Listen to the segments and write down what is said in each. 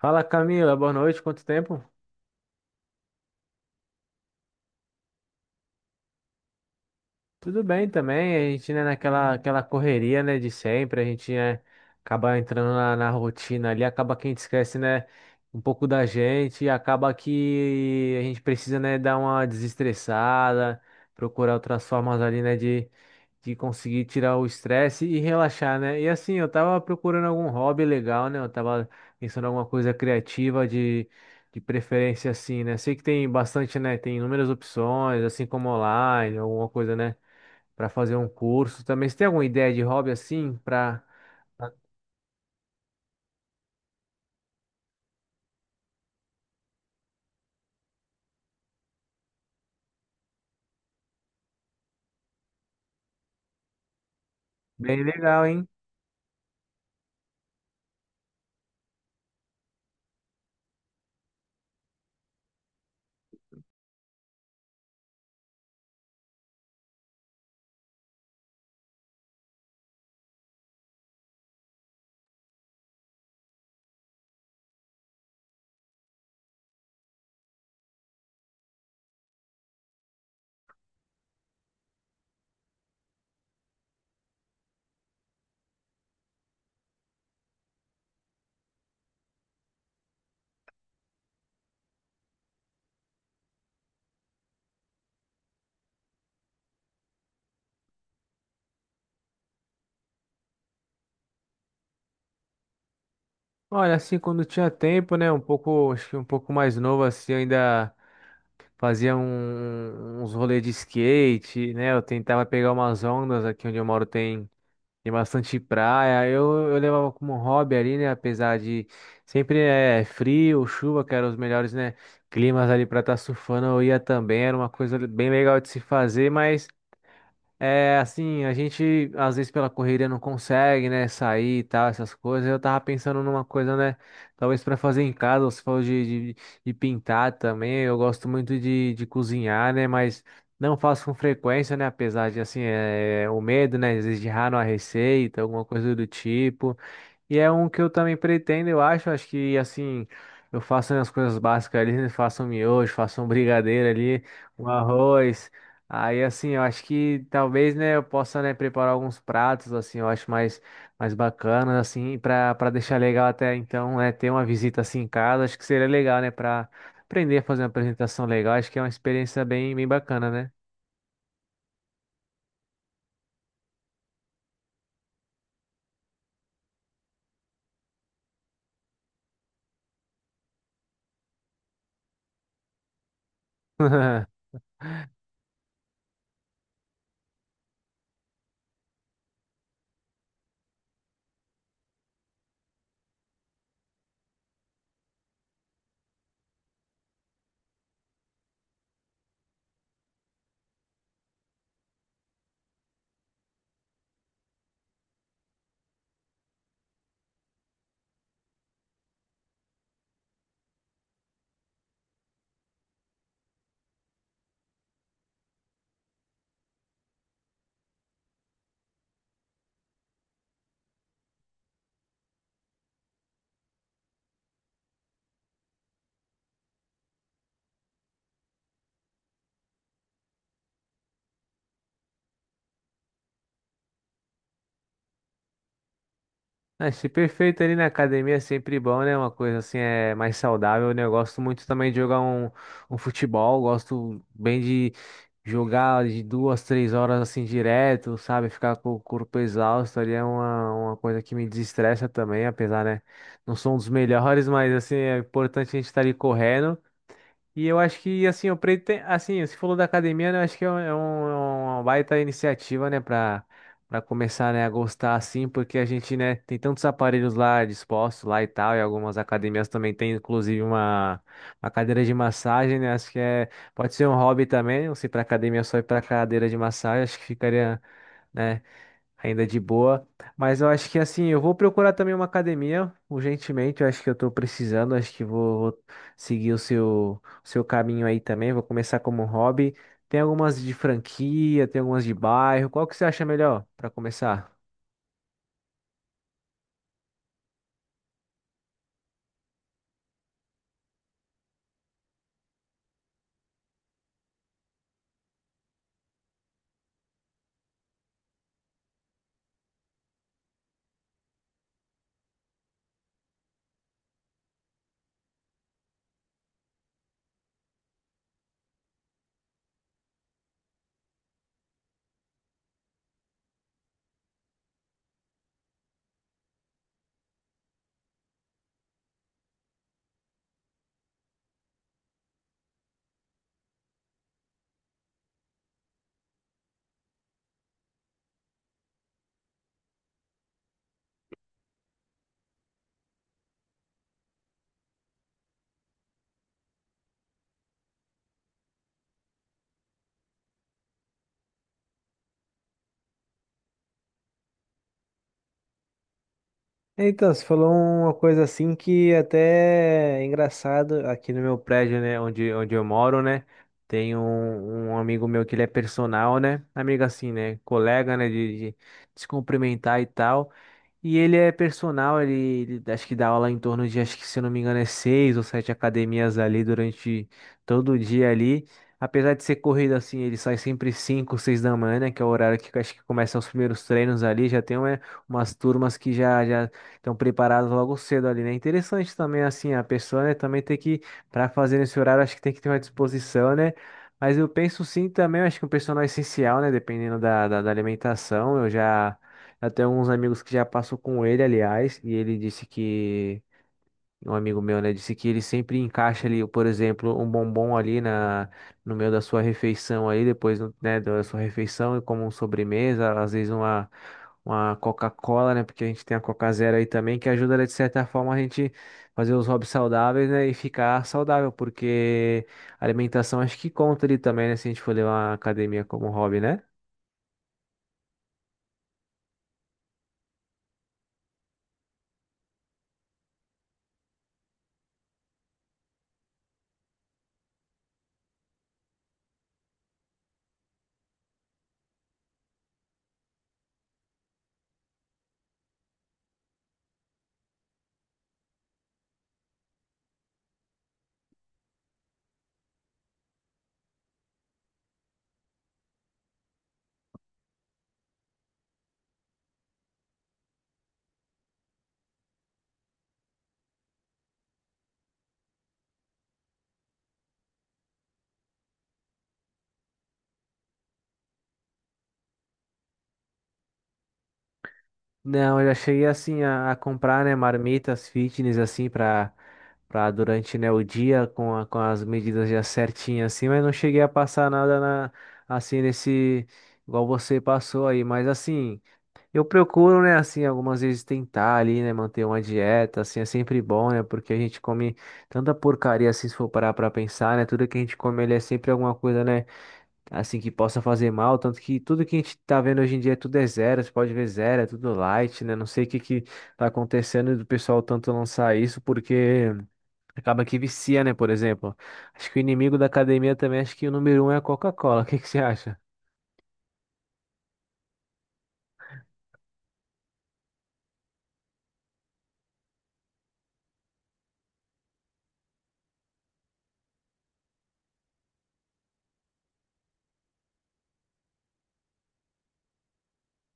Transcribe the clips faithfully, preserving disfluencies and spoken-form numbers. Fala Camila, boa noite, quanto tempo? Tudo bem também, a gente, né, naquela aquela correria, né, de sempre, a gente, né, acaba entrando na, na rotina ali, acaba que a gente esquece, né, um pouco da gente, e acaba que a gente precisa, né, dar uma desestressada, procurar outras formas ali, né, de, de conseguir tirar o estresse e relaxar, né, e assim, eu tava procurando algum hobby legal, né, eu tava pensando em alguma coisa criativa de... De preferência assim, né? Sei que tem bastante, né? Tem inúmeras opções, assim como online, alguma coisa, né? Para fazer um curso também. Você tem alguma ideia de hobby assim para bem legal, hein? Olha, assim, quando tinha tempo, né, um pouco, acho que um pouco mais novo assim, eu ainda fazia um- um, uns rolês de skate, né? Eu tentava pegar umas ondas aqui onde eu moro tem tem bastante praia, eu, eu levava como hobby ali, né? Apesar de sempre é frio, chuva, que eram os melhores, né? Climas ali para estar surfando, eu ia também, era uma coisa bem legal de se fazer, mas é, assim, a gente às vezes pela correria não consegue, né, sair e tal, essas coisas. Eu tava pensando numa coisa, né, talvez pra fazer em casa, você falou de, de, de pintar também. Eu gosto muito de, de cozinhar, né, mas não faço com frequência, né, apesar de, assim, é, o medo, né, às vezes de errar numa receita, alguma coisa do tipo. E é um que eu também pretendo, eu acho. Acho que assim, eu faço as coisas básicas ali, né? Faço um miojo, faço um brigadeiro ali, um arroz. Aí assim, eu acho que talvez, né, eu possa, né, preparar alguns pratos assim, eu acho mais mais bacanas assim, para para deixar legal até então, né, ter uma visita assim em casa, acho que seria legal, né, para aprender a fazer uma apresentação legal. Acho que é uma experiência bem bem bacana, né? Achei perfeito ali na academia, é sempre bom, né? Uma coisa assim é mais saudável, né? Eu gosto muito também de jogar um, um futebol, gosto bem de jogar de duas, três horas assim direto, sabe? Ficar com o corpo exausto ali é uma, uma coisa que me desestressa também, apesar, né? Não sou um dos melhores, mas assim, é importante a gente estar ali correndo. E eu acho que, assim, o Preto tem, assim, você falou da academia, né? Eu acho que é um, é um- é uma baita iniciativa, né, para para começar, né, a gostar, assim, porque a gente, né, tem tantos aparelhos lá dispostos lá e tal, e algumas academias também tem, inclusive, uma, uma cadeira de massagem, né? Acho que é, pode ser um hobby também, não sei, para academia só ir para cadeira de massagem, acho que ficaria, né? Ainda de boa. Mas eu acho que assim, eu vou procurar também uma academia urgentemente. Eu acho que eu tô precisando. Acho que vou, vou seguir o seu, o seu caminho aí também. Vou começar como um hobby. Tem algumas de franquia, tem algumas de bairro. Qual que você acha melhor para começar? Então, você falou uma coisa assim que até é engraçado aqui no meu prédio, né, onde, onde eu moro, né, tem um, um amigo meu que ele é personal, né, amigo assim, né, colega, né, de, de de se cumprimentar e tal. E ele é personal, ele, ele acho que dá aula em torno de, acho que se eu não me engano, é seis ou sete academias ali durante todo o dia ali. Apesar de ser corrido assim, ele sai sempre cinco, seis da manhã, né, que é o horário que acho que começam os primeiros treinos ali. Já tem uma- umas turmas que já já estão preparadas logo cedo ali, né? Interessante também assim a pessoa, né, também tem que para fazer nesse horário, acho que tem que ter uma disposição, né? Mas eu penso sim também, eu acho que um personal é essencial, né, dependendo da, da da alimentação. Eu já eu tenho alguns amigos que já passou com ele, aliás, e ele disse que, um amigo meu, né, disse que ele sempre encaixa ali, por exemplo, um bombom ali na, no meio da sua refeição aí, depois, né, da sua refeição e como sobremesa, às vezes uma, uma Coca-Cola, né, porque a gente tem a Coca Zero aí também, que ajuda, né, de certa forma, a gente fazer os hobbies saudáveis, né, e ficar saudável, porque a alimentação acho que conta ali também, né, se a gente for levar a academia como hobby, né? Não, eu já cheguei assim a, a comprar, né, marmitas fitness assim para para durante, né, o dia com, a- com as medidas já certinhas assim, mas não cheguei a passar nada na assim nesse igual você passou aí, mas assim, eu procuro, né, assim, algumas vezes tentar ali, né, manter uma dieta, assim, é sempre bom, né, porque a gente come tanta porcaria assim se for parar para pensar, né, tudo que a gente come ele é sempre alguma coisa, né, assim que possa fazer mal, tanto que tudo que a gente tá vendo hoje em dia tudo é zero, você pode ver zero, é tudo light, né? Não sei o que que tá acontecendo do pessoal tanto lançar isso, porque acaba que vicia, né? Por exemplo, acho que o inimigo da academia também, acho que o número um é a Coca-Cola, o que que você acha?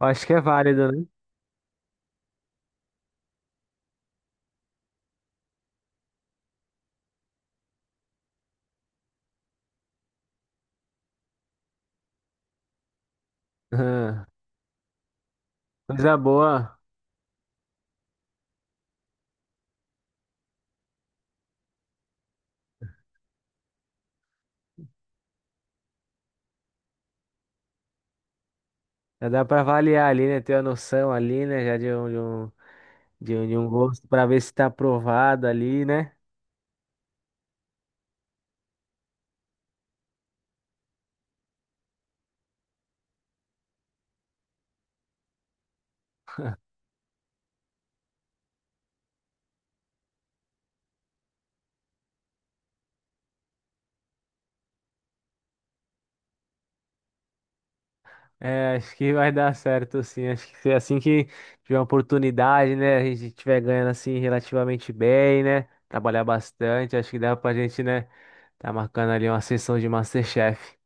Eu acho que é válido, né? Ah, coisa boa, já dá pra avaliar ali, né? Ter uma noção ali, né? Já de um, de um, de um, de um gosto pra ver se tá aprovado ali, né? É, acho que vai dar certo, sim. Acho que assim que tiver uma oportunidade, né? A gente tiver ganhando assim relativamente bem, né? Trabalhar bastante, acho que dá pra gente, né? Tá marcando ali uma sessão de MasterChef.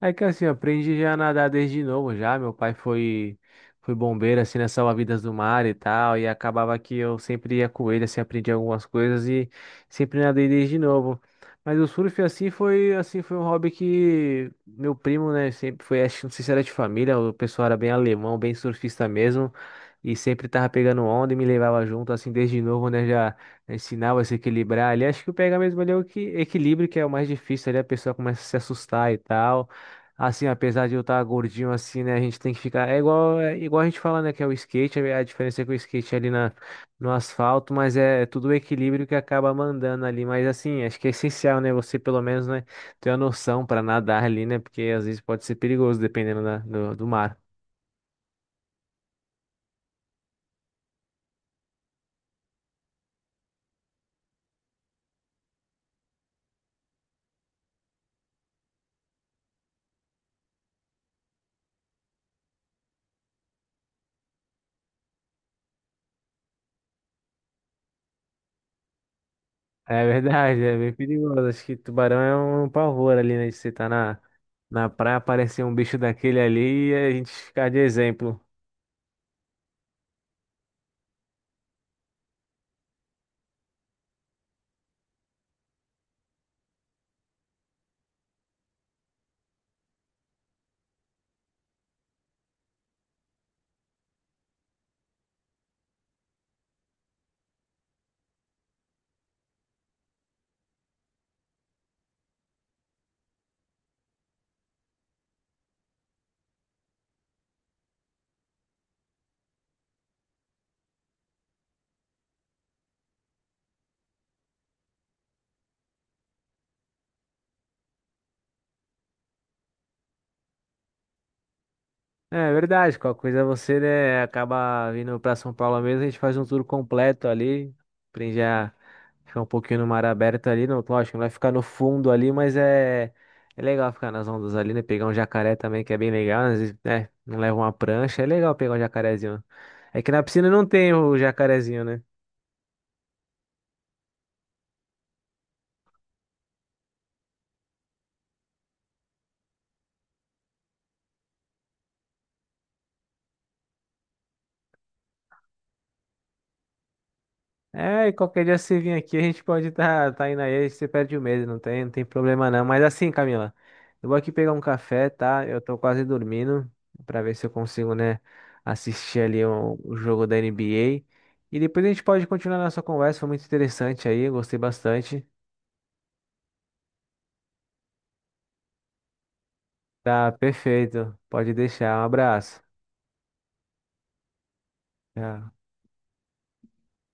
É que assim, eu aprendi já a nadar desde novo já. Meu pai foi foi bombeiro assim nas salva-vidas do mar e tal, e acabava que eu sempre ia com ele, assim, aprendi algumas coisas e sempre nadei desde novo. Mas o surf assim foi assim foi um hobby que meu primo, né, sempre foi, acho, não sei se era de família, o pessoal era bem alemão, bem surfista mesmo. E sempre tava pegando onda e me levava junto, assim, desde novo, né? Já ensinava a se equilibrar ali. Acho que o pegar mesmo ali é o que, equilíbrio, que é o mais difícil ali, a pessoa começa a se assustar e tal. Assim, apesar de eu estar gordinho assim, né, a gente tem que ficar. É igual, é igual a gente fala, né, que é o skate, é a diferença é que o skate é ali na, no asfalto, mas é, é tudo o equilíbrio que acaba mandando ali. Mas assim, acho que é essencial, né, você pelo menos, né, ter a noção para nadar ali, né, porque às vezes pode ser perigoso dependendo da- do, do mar. É verdade, é bem perigoso. Acho que tubarão é um pavor ali, né, de você estar na, na praia, aparecer um bicho daquele ali e a gente ficar de exemplo. É verdade, qualquer coisa você, né, acaba vindo pra São Paulo mesmo, a gente faz um tour completo ali, aprende a ficar um pouquinho no mar aberto ali, não, lógico, não vai ficar no fundo ali, mas é, é legal ficar nas ondas ali, né, pegar um jacaré também, que é bem legal, às vezes, né, não leva uma prancha, é legal pegar um jacarezinho. É que na piscina não tem o jacarezinho, né? É, e qualquer dia você vir aqui, a gente pode estar tá, tá indo aí, você perde o medo, não tem, não tem problema não. Mas assim, Camila, eu vou aqui pegar um café, tá? Eu tô quase dormindo, pra ver se eu consigo, né, assistir ali o, o jogo da N B A. E depois a gente pode continuar nossa conversa, foi muito interessante aí, eu gostei bastante. Tá, perfeito, pode deixar, um abraço. Tchau.